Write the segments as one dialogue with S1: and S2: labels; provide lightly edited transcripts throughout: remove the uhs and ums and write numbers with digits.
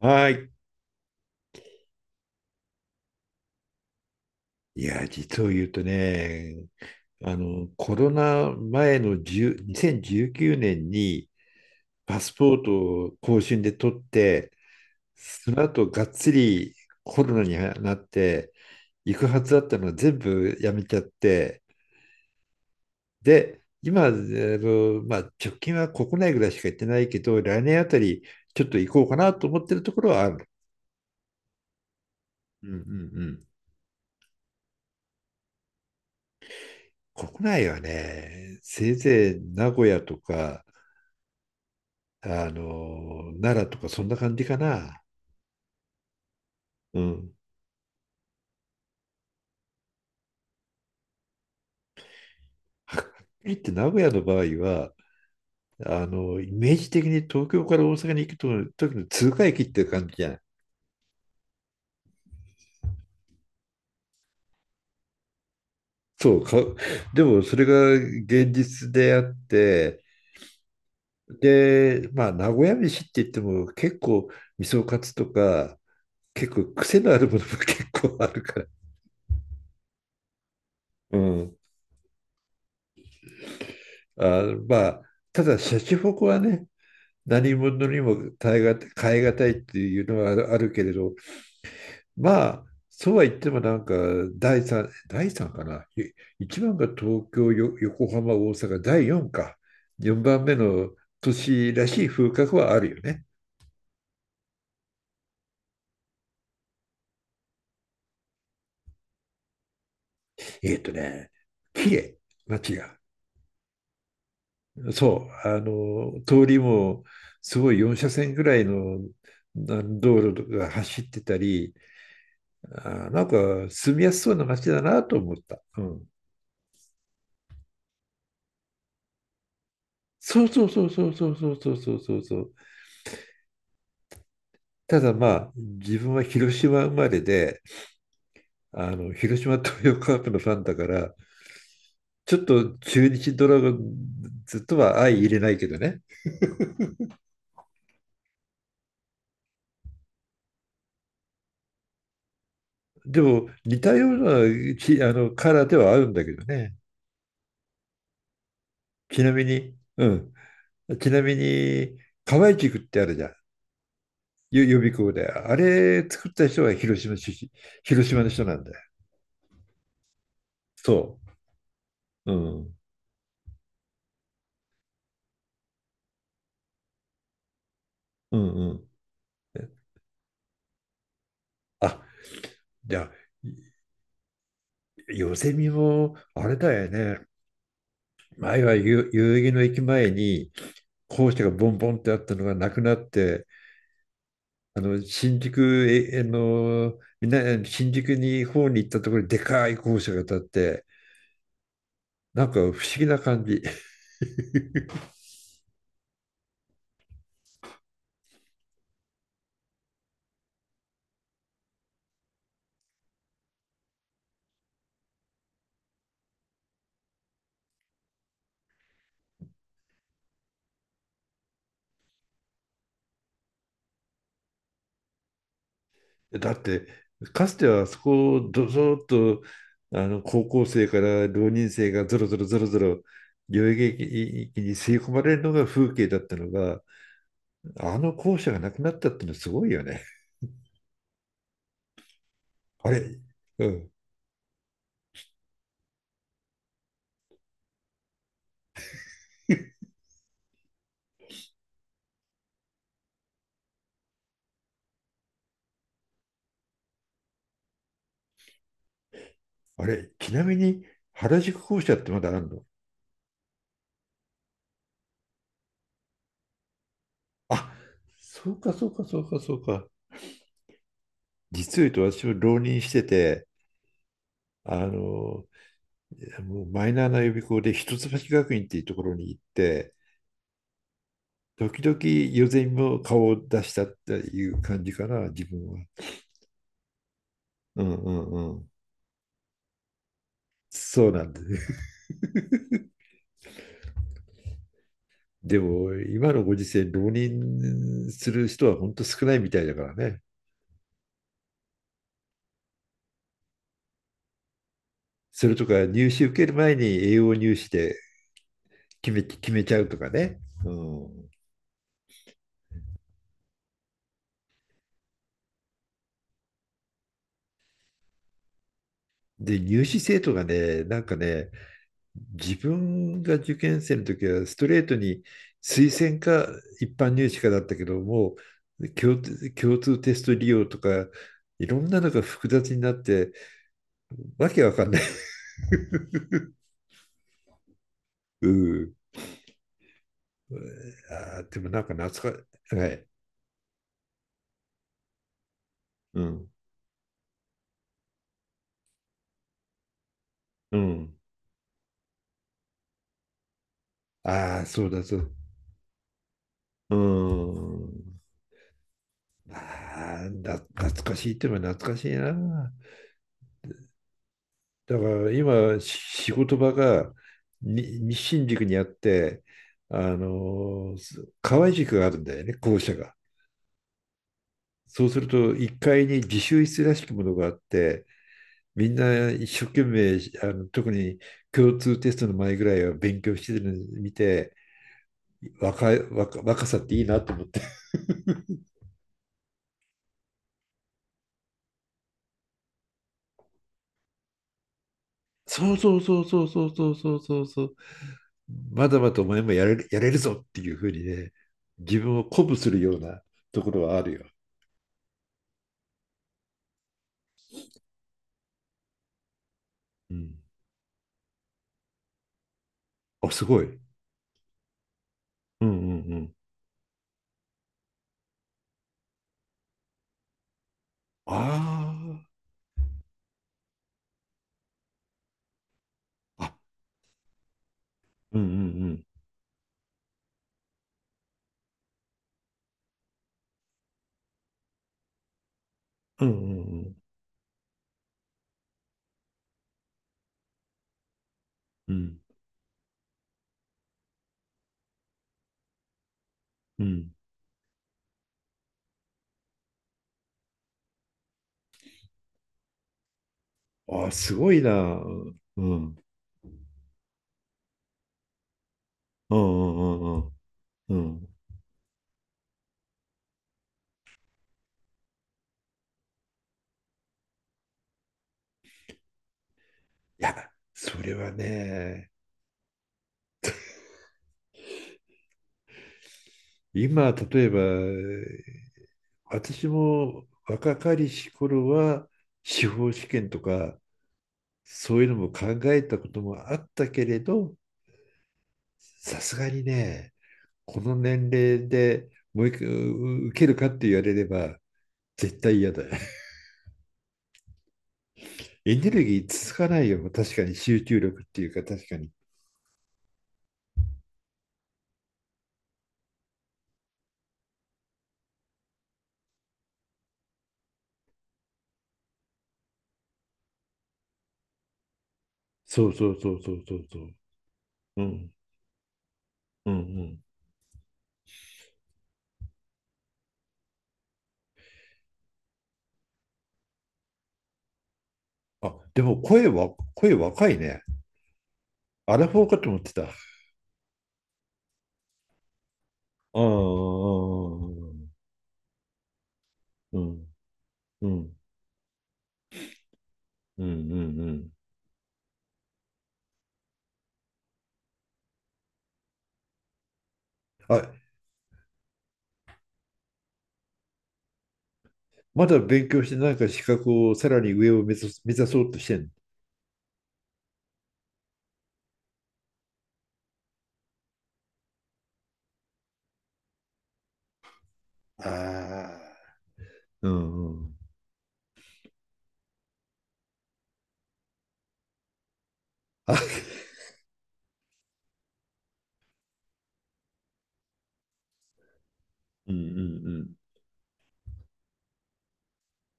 S1: はい。いや、実を言うとね、コロナ前の10 2019年にせんじゅうきゅうねんにパスポートを更新で取って、その後がっつりコロナになって、行くはずだったのを全部やめちゃって、で、今、まあ、直近は国内ぐらいしか行ってないけど、来年あたりちょっと行こうかなと思ってるところはある。うんうんうん。国内はね、せいぜい名古屋とか、奈良とかそんな感じかな。うん。はっきり言 って名古屋の場合は、イメージ的に東京から大阪に行くと時の通過駅って感じじゃん。そうか、でもそれが現実であって、で、まあ、名古屋飯って言っても結構味噌カツとか、結構癖のあるものも結構あるから。うん。あ、まあ、ただ、シャチホコはね、何者にも耐えがたい、変えがたいっていうのはあるけれど、まあ、そうは言ってもなんか、第三かな。一番が東京、横浜、大阪、第4か。4番目の都市らしい風格はあるよね。えっとね、綺麗、街が。そう、通りもすごい4車線ぐらいのな道路が走ってたり、あ、なんか住みやすそうな街だなと思った。うん。そうそうそうそうそうそうそうそうそうそう。ただまあ、自分は広島生まれで、広島東洋カープのファンだから、ちょっと中日ドラゴンズとは相入れないけどね。でも、似たようなち、あの、カラーではあるんだけどね。ちなみに、うん。ちなみに、河合塾ってあるじゃん。予備校で。あれ作った人は広島出身、広島の人なんだよ。そう。うん。うんうん。あ、じゃあ、よせみも、あれだよね。前は代々木の駅前に校舎がボンボンってあったのがなくなって、新宿えあのみな新宿に方に行ったところにでかい校舎が建って、なんか不思議な感じ。だってかつてはそこをどぞっと高校生から浪人生がぞろぞろぞろぞろ代々木駅に吸い込まれるのが風景だったのが、あの校舎がなくなったってのはすごいよね。あれ、うん。あれ、ちなみに原宿校舎ってまだあるの？あ、そうかそうかそうかそうか。実を言うと私も浪人してて、あの、もうマイナーな予備校で一橋学院っていうところに行って、時々予選も顔を出したっていう感じかな、自分は。うんうんうん。そうなんだね。でも今のご時世、浪人する人は本当少ないみたいだからね。それとか入試受ける前に栄養入試で決めちゃうとかね。うん。で、入試生徒がね、なんかね、自分が受験生の時はストレートに推薦か一般入試かだったけども、共通テスト利用とか、いろんなのが複雑になって、わけわかんない。うん。でもなんか懐かしい。はい。うん。うん。ああ、そうだそう。うん。ああ、懐かしいって言えば懐かしいな。だから今、仕事場が西新宿にあって、あの、河合塾があるんだよね、校舎が。そうすると、1階に自習室らしきものがあって、みんな一生懸命、特に共通テストの前ぐらいは勉強してるのを見て、若さっていいなと思って。そうそうそうそうそうそうそうそうそう。まだまだお前もやれる、やれるぞっていうふうにね、自分を鼓舞するようなところはあるよ。うん。あ、すごい。うんうんうん。ああ、あ、うんうんうん。うんうんうん。うん。うん。あ、すごいな。うん。うんうんうんうん。うん。いや、それはね、今、例えば、私も若かりし頃は、司法試験とか、そういうのも考えたこともあったけれど、さすがにね、この年齢でもう一回受けるかって言われれば、絶対嫌だ。エネルギー続かないよ。確かに集中力っていうか、確かに。そうそうそうそうそうそう。うん。うんうん。あ、でも声若いね。アラフォーかと思ってた。ああ、うん、うん、うん、うん、うん。あ、まだ勉強してなんか資格をさらに上を目指す、目指そうとしてんの。ああ、うん、うん。あ、うん、うん、うん。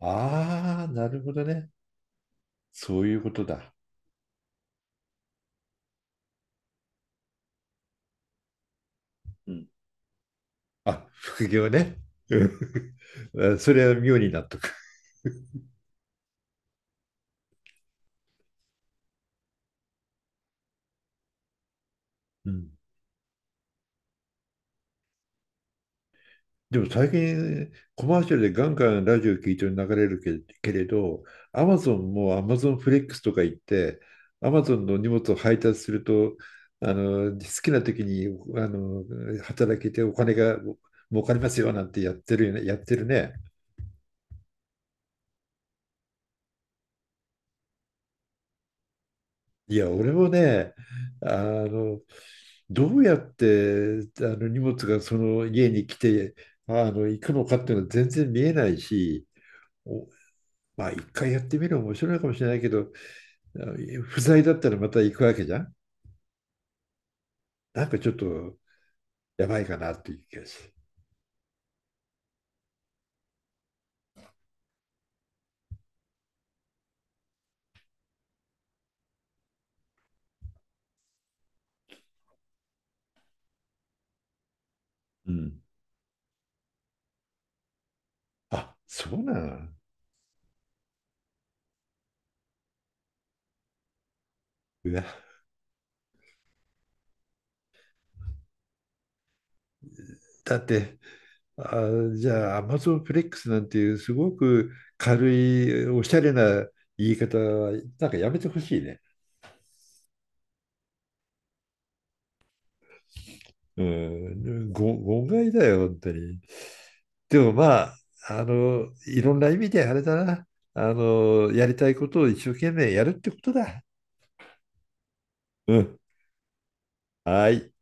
S1: ああ、なるほどね。そういうことだ。うん。あ、副業ね。うん。 それは妙に納得。うん。でも最近コマーシャルでガンガンラジオ聞いて流れるけれど、アマゾンもアマゾンフレックスとか言って、アマゾンの荷物を配達すると、好きな時にあの働けてお金が儲かりますよなんてやってるよね、やってるね。いや、俺もね、あの、どうやってあの荷物がその家に来て行くのかっていうのは全然見えないし、おまあ一回やってみるの面白いかもしれないけど、不在だったらまた行くわけじゃん。なんかちょっとやばいかなっていう気がする。うん。あ、そうなの。うわ。だって、あ、じゃあ Amazon フレックスなんていうすごく軽いおしゃれな言い方はなんかやめてほしいね。うん、誤解だよ、本当に。でもまあ、いろんな意味であれだな。やりたいことを一生懸命やるってことだ。うん。はい。